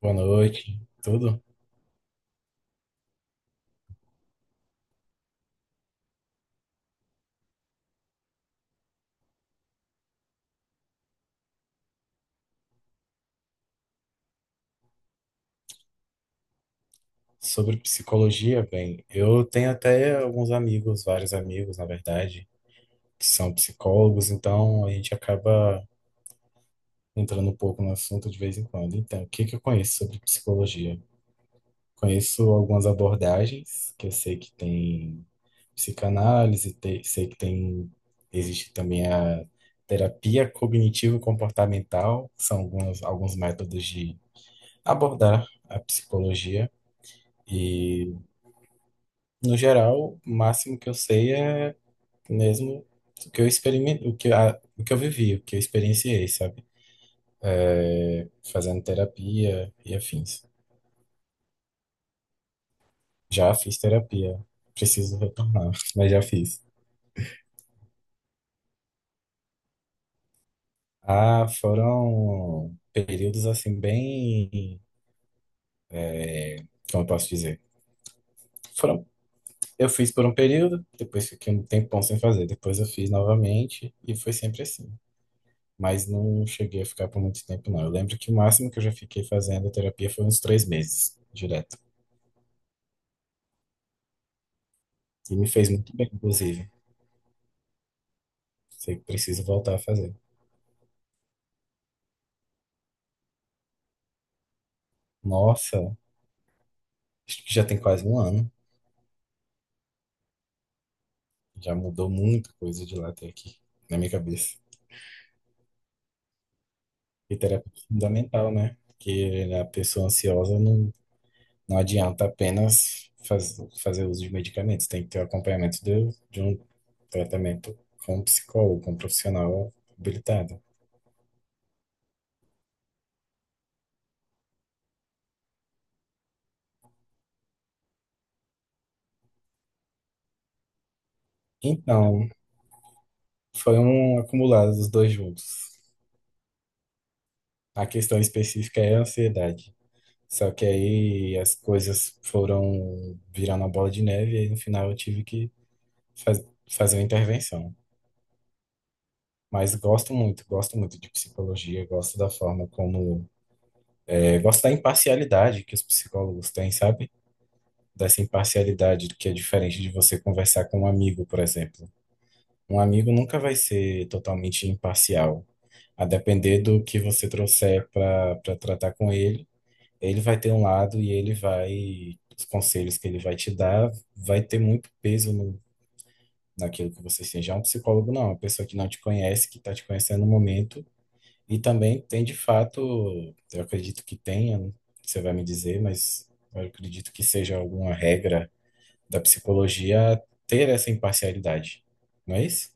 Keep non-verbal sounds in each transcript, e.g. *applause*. Boa noite. Tudo Sobre psicologia, bem, eu tenho até alguns amigos, vários amigos, na verdade, que são psicólogos, então a gente acaba entrando um pouco no assunto de vez em quando. Então, o que que eu conheço sobre psicologia? Conheço algumas abordagens, que eu sei que tem psicanálise, sei que tem, existe também a terapia cognitivo-comportamental, são alguns métodos de abordar a psicologia. E No geral, o máximo que eu sei é mesmo o que eu experimentei, o que eu vivi, o que eu experienciei, sabe? Fazendo terapia e afins. Já fiz terapia, preciso retornar, *laughs* mas já fiz. Ah, foram períodos assim é, como eu posso dizer? Foram, eu fiz por um período, depois fiquei um tempão sem fazer, depois eu fiz novamente e foi sempre assim. Mas não cheguei a ficar por muito tempo, não. Eu lembro que o máximo que eu já fiquei fazendo terapia foi uns 3 meses, direto. E me fez muito bem, inclusive. Sei que preciso voltar a fazer. Nossa, acho que já tem quase um ano. Já mudou muita coisa de lá até aqui, na minha cabeça. E terapia é fundamental, né? Porque a pessoa ansiosa não adianta apenas fazer uso de medicamentos. Tem que ter o acompanhamento de um tratamento com um psicólogo, com um profissional habilitado. Então, foram acumulados os dois juntos. A questão específica é a ansiedade. Só que aí as coisas foram virando uma bola de neve e aí no final eu tive que faz- fazer uma intervenção. Mas gosto muito de psicologia, gosto da forma como, gosto da imparcialidade que os psicólogos têm, sabe? Dessa imparcialidade que é diferente de você conversar com um amigo, por exemplo. Um amigo nunca vai ser totalmente imparcial. A depender do que você trouxer para tratar com ele, ele vai ter um lado e ele os conselhos que ele vai te dar vai ter muito peso no, naquilo que você seja. Já um psicólogo não, é uma pessoa que não te conhece, que está te conhecendo no momento e também tem, de fato, eu acredito que tenha, você vai me dizer, mas eu acredito que seja alguma regra da psicologia ter essa imparcialidade, não é isso?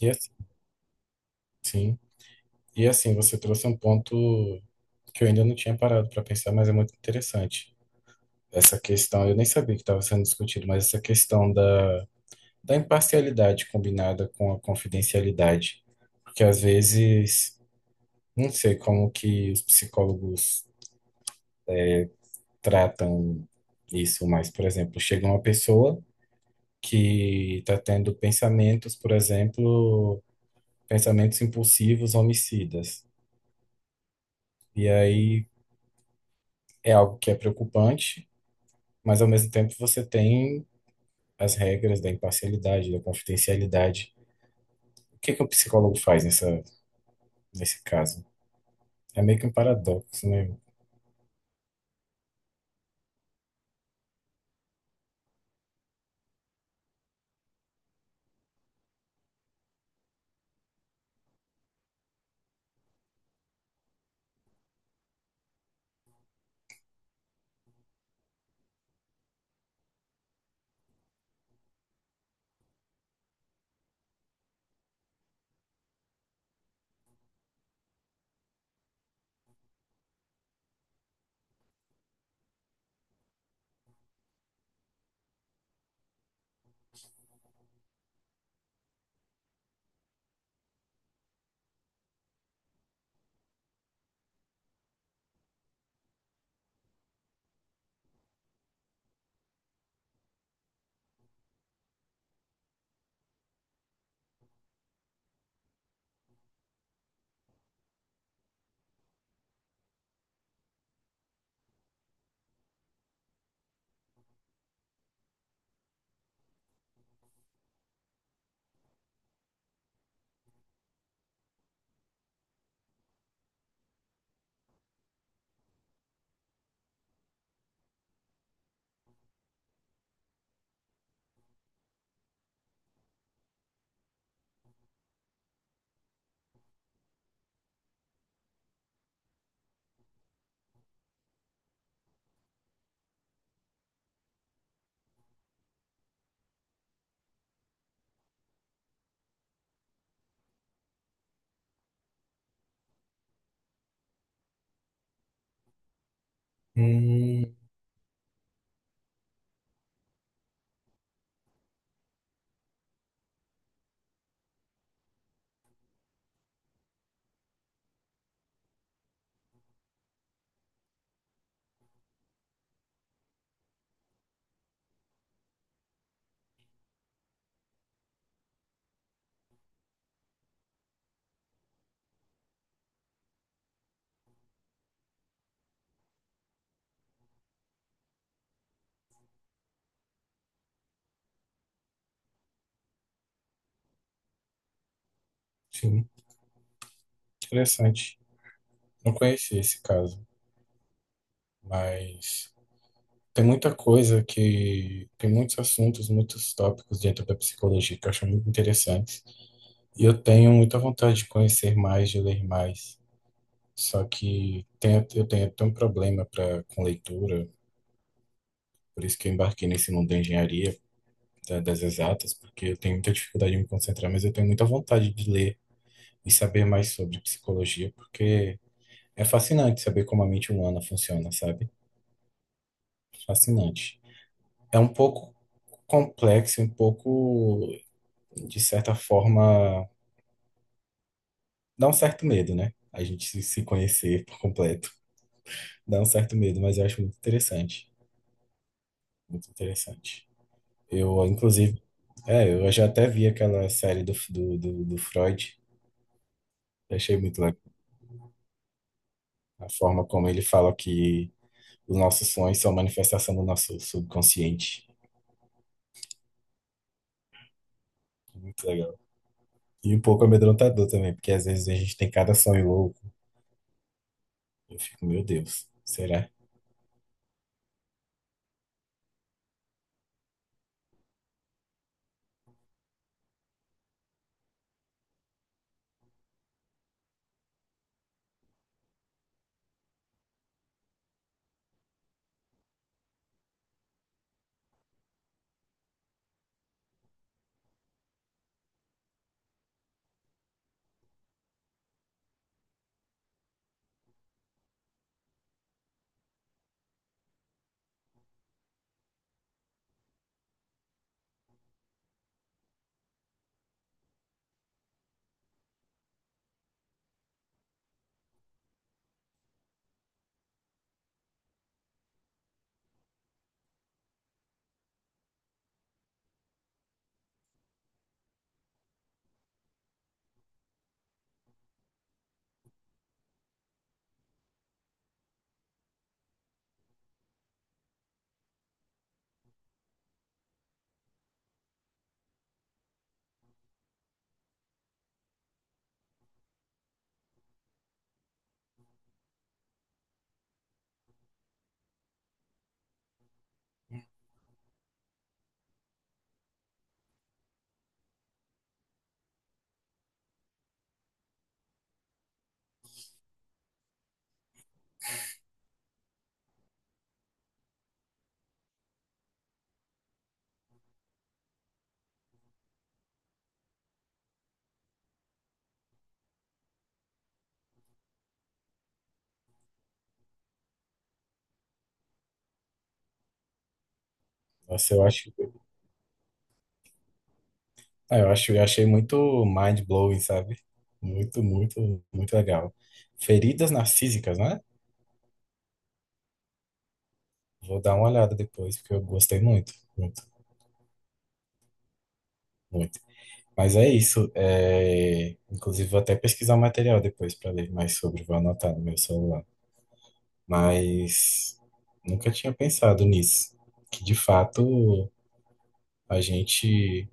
E assim, sim. E assim, você trouxe um ponto que eu ainda não tinha parado para pensar, mas é muito interessante. Essa questão, eu nem sabia que estava sendo discutido, mas essa questão da imparcialidade combinada com a confidencialidade. Porque às vezes, não sei como que os psicólogos tratam isso, mas, por exemplo, chega uma pessoa que está tendo pensamentos, por exemplo, pensamentos impulsivos, homicidas. E aí é algo que é preocupante, mas ao mesmo tempo você tem as regras da imparcialidade, da confidencialidade. O que que o psicólogo faz nesse caso. É meio que um paradoxo, né? Hum, sim, interessante. Não conheci esse caso, mas tem muita coisa que... Tem muitos assuntos, muitos tópicos dentro da psicologia que eu acho muito interessantes. E eu tenho muita vontade de conhecer mais, de ler mais. Só que eu tenho até um problema com leitura, por isso que eu embarquei nesse mundo da engenharia, das exatas, porque eu tenho muita dificuldade em me concentrar, mas eu tenho muita vontade de ler e saber mais sobre psicologia, porque é fascinante saber como a mente humana funciona, sabe? Fascinante. É um pouco complexo, um pouco, de certa forma, dá um certo medo, né? A gente se conhecer por completo. Dá um certo medo, mas eu acho muito interessante. Muito interessante. Eu, inclusive, eu já até vi aquela série do Freud. Eu achei muito legal. A forma como ele fala que os nossos sonhos são manifestação do nosso subconsciente. Muito legal. E um pouco amedrontador também, porque às vezes a gente tem cada sonho louco. Eu fico, meu Deus, será? Nossa, eu acho, ah, Eu acho, eu achei muito mind-blowing, sabe? Muito, muito, muito legal. Feridas narcísicas, né? Vou dar uma olhada depois, porque eu gostei muito, muito, muito. Mas é isso. Inclusive, vou até pesquisar o material depois para ler mais sobre, vou anotar no meu celular. Mas nunca tinha pensado nisso, que de fato a gente...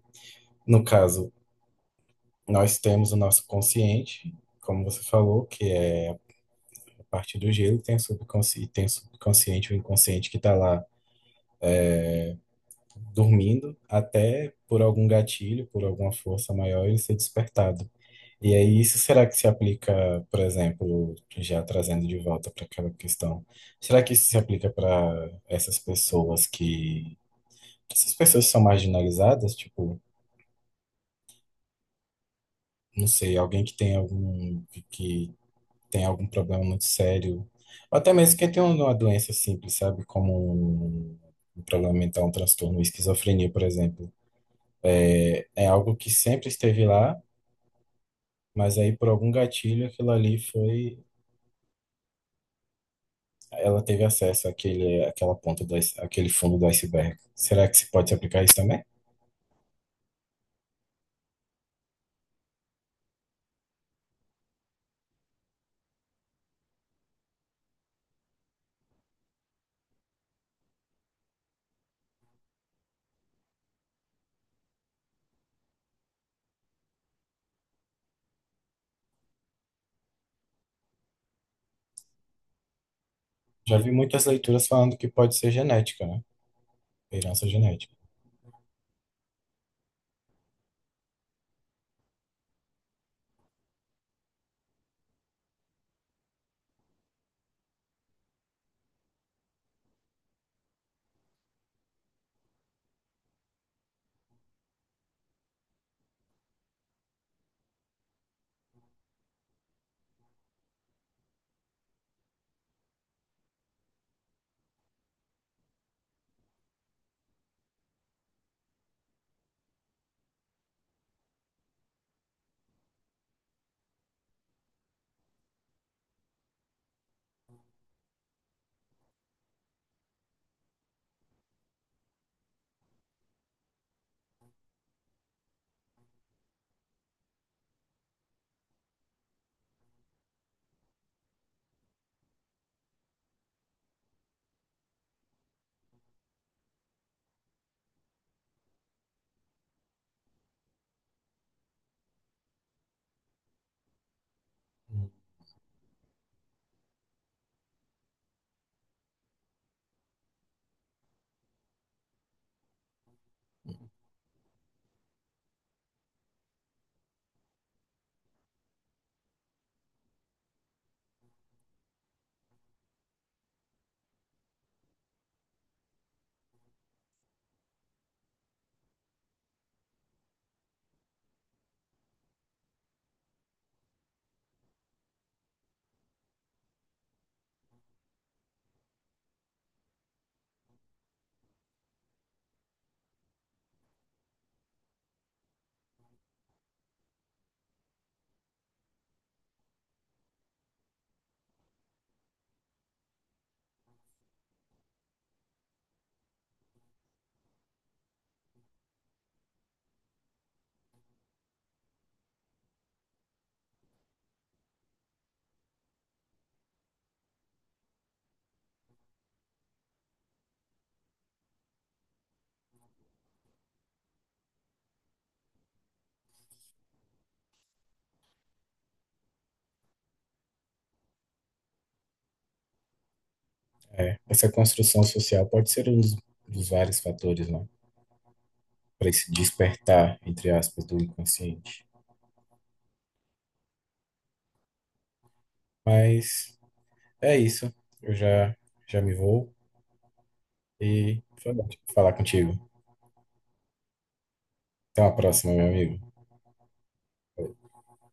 No caso, nós temos o nosso consciente, como você falou, que é a parte do gelo, tem o subconsciente, o inconsciente que está lá dormindo, até por algum gatilho, por alguma força maior, ele ser despertado. E aí, isso será que se aplica, por exemplo, já trazendo de volta para aquela questão, será que isso se aplica para essas essas pessoas que são marginalizadas, tipo, não sei, alguém que tem algum que tem algum problema muito sério, ou até mesmo quem tem uma doença simples, sabe? Como um problema mental, um transtorno, esquizofrenia, por exemplo. É algo que sempre esteve lá, mas aí por algum gatilho aquilo ali foi... Ela teve acesso àquela ponta do, àquele fundo do iceberg. Será que se pode se aplicar isso também? Já vi muitas leituras falando que pode ser genética, né? Herança genética. É, essa construção social pode ser um dos vários fatores, né, para esse despertar, entre aspas, do inconsciente. Mas é isso. Eu já, Já me vou e foi bom falar contigo. Até uma próxima, meu amigo.